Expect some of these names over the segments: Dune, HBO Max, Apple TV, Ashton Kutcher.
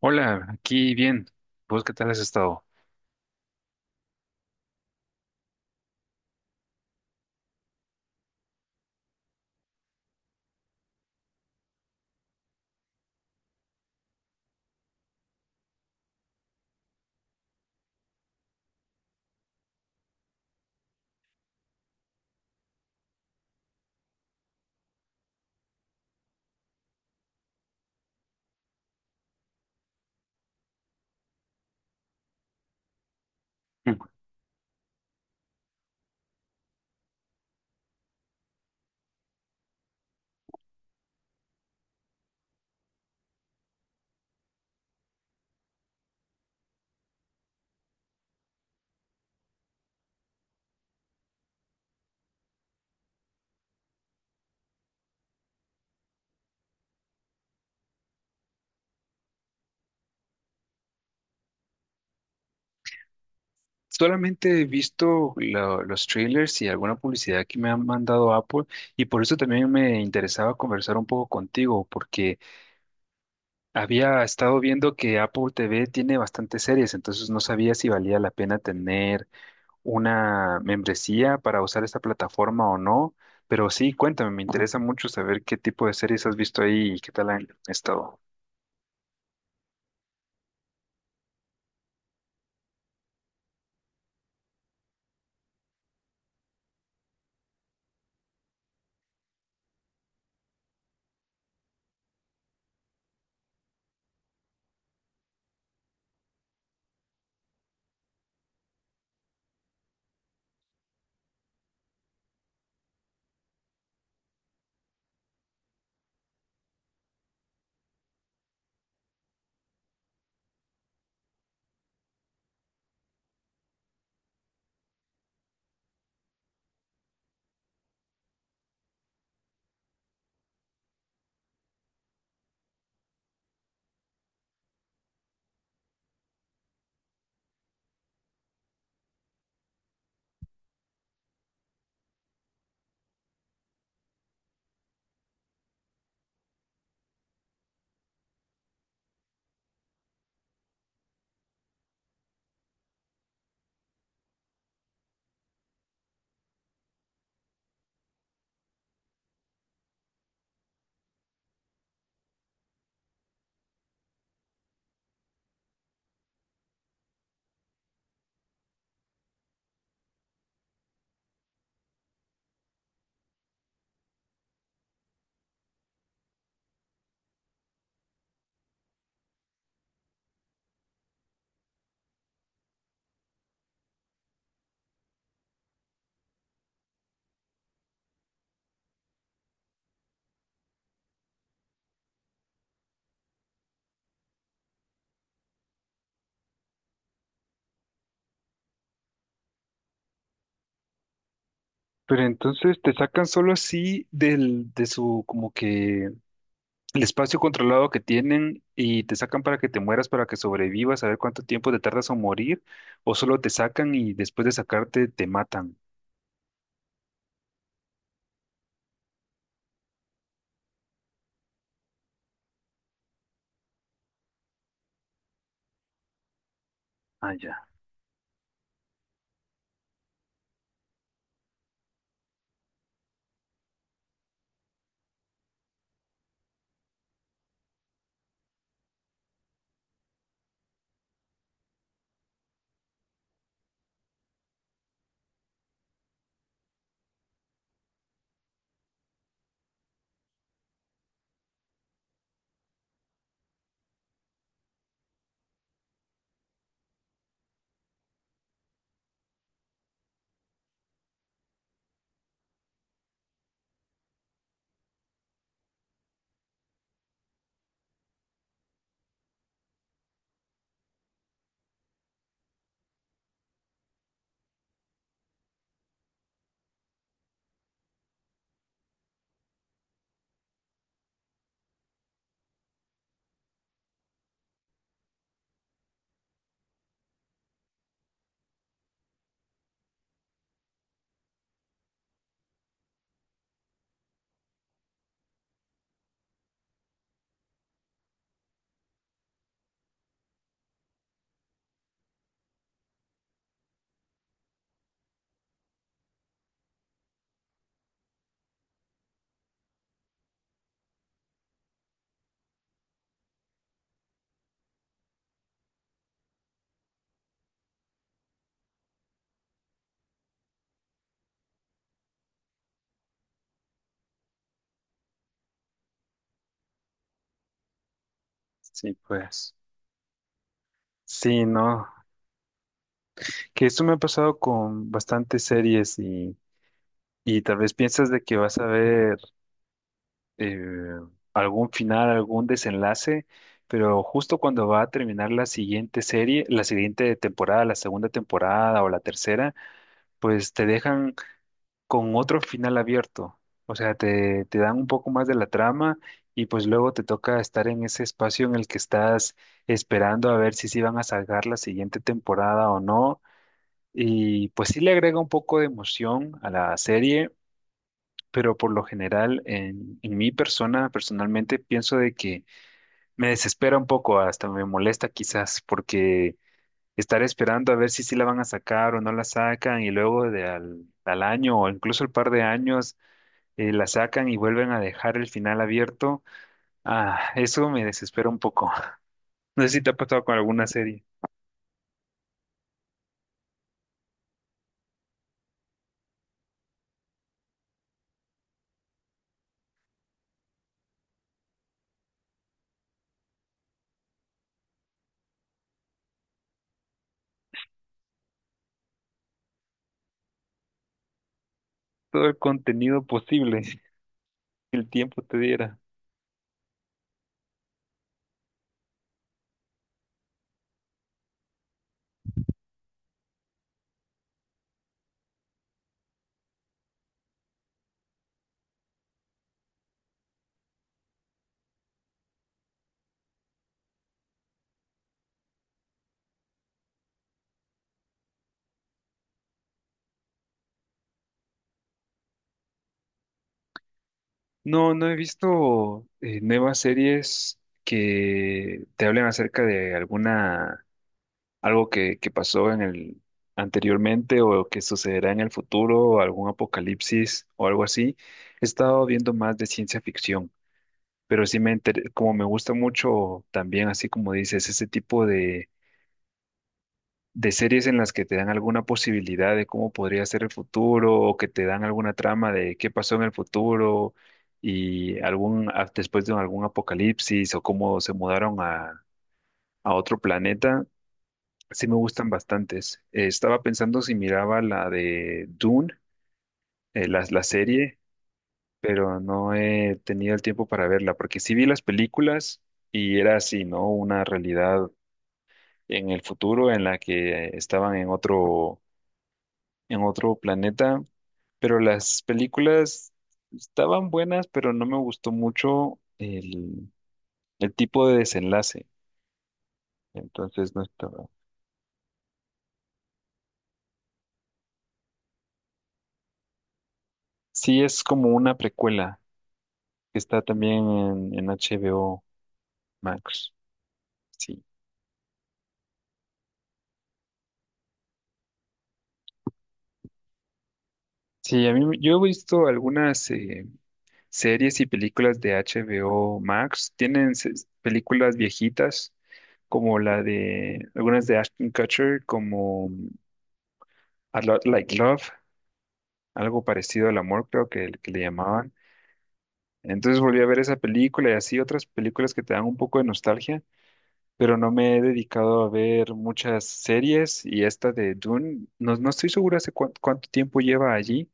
Hola, aquí bien. ¿Vos qué tal has estado? Mm. Solamente he visto los trailers y alguna publicidad que me han mandado Apple, y por eso también me interesaba conversar un poco contigo porque había estado viendo que Apple TV tiene bastantes series. Entonces no sabía si valía la pena tener una membresía para usar esta plataforma o no, pero sí, cuéntame, me interesa mucho saber qué tipo de series has visto ahí y qué tal han estado. Pero entonces te sacan solo así de su, como que el espacio controlado que tienen, y te sacan para que te mueras, para que sobrevivas, a ver cuánto tiempo te tardas en morir, o solo te sacan y después de sacarte te matan. Ah, ya. Sí, pues. Sí, no. Que esto me ha pasado con bastantes series, y tal vez piensas de que vas a ver eh, algún final, algún desenlace, pero justo cuando va a terminar la siguiente serie, la siguiente temporada, la segunda temporada o la tercera, pues te dejan con otro final abierto. O sea, te dan un poco más de la trama, y pues luego te toca estar en ese espacio en el que estás esperando a ver si sí van a sacar la siguiente temporada o no. Y pues sí le agrega un poco de emoción a la serie, pero por lo general en mi persona, personalmente, pienso de que me desespera un poco, hasta me molesta quizás, porque estar esperando a ver si sí la van a sacar o no la sacan, y luego de al año o incluso el par de años, la sacan y vuelven a dejar el final abierto, ah, eso me desespera un poco. No sé si te ha pasado con alguna serie. Todo el contenido posible, el tiempo te diera. No, no he visto nuevas series que te hablen acerca de alguna, algo que pasó en el anteriormente o que sucederá en el futuro, algún apocalipsis o algo así. He estado viendo más de ciencia ficción, pero sí como me gusta mucho también, así como dices, ese tipo de series en las que te dan alguna posibilidad de cómo podría ser el futuro o que te dan alguna trama de qué pasó en el futuro y después de algún apocalipsis o cómo se mudaron a otro planeta, sí me gustan bastantes. Estaba pensando si miraba la de Dune, la serie, pero no he tenido el tiempo para verla porque sí vi las películas y era así, ¿no? Una realidad en el futuro en la que estaban en otro planeta, pero las películas estaban buenas, pero no me gustó mucho el tipo de desenlace. Entonces no estaba. Sí, es como una precuela que está también en HBO Max. Sí. Sí, yo he visto algunas series y películas de HBO Max. Tienen películas viejitas como la de algunas de Ashton Kutcher, como A Lot Like Love, algo parecido al amor, creo que le llamaban. Entonces volví a ver esa película, y así otras películas que te dan un poco de nostalgia, pero no me he dedicado a ver muchas series. Y esta de Dune, no, no estoy segura hace cuánto tiempo lleva allí,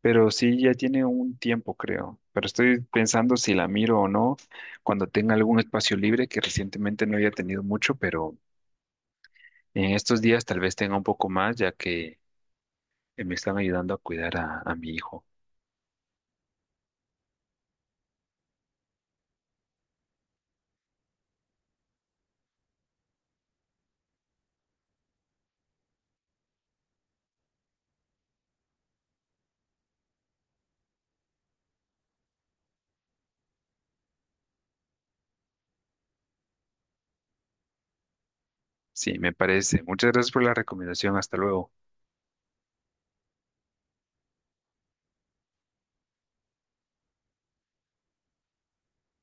pero sí ya tiene un tiempo, creo. Pero estoy pensando si la miro o no cuando tenga algún espacio libre, que recientemente no había tenido mucho, pero en estos días tal vez tenga un poco más, ya que me están ayudando a cuidar a mi hijo. Sí, me parece. Muchas gracias por la recomendación. Hasta luego.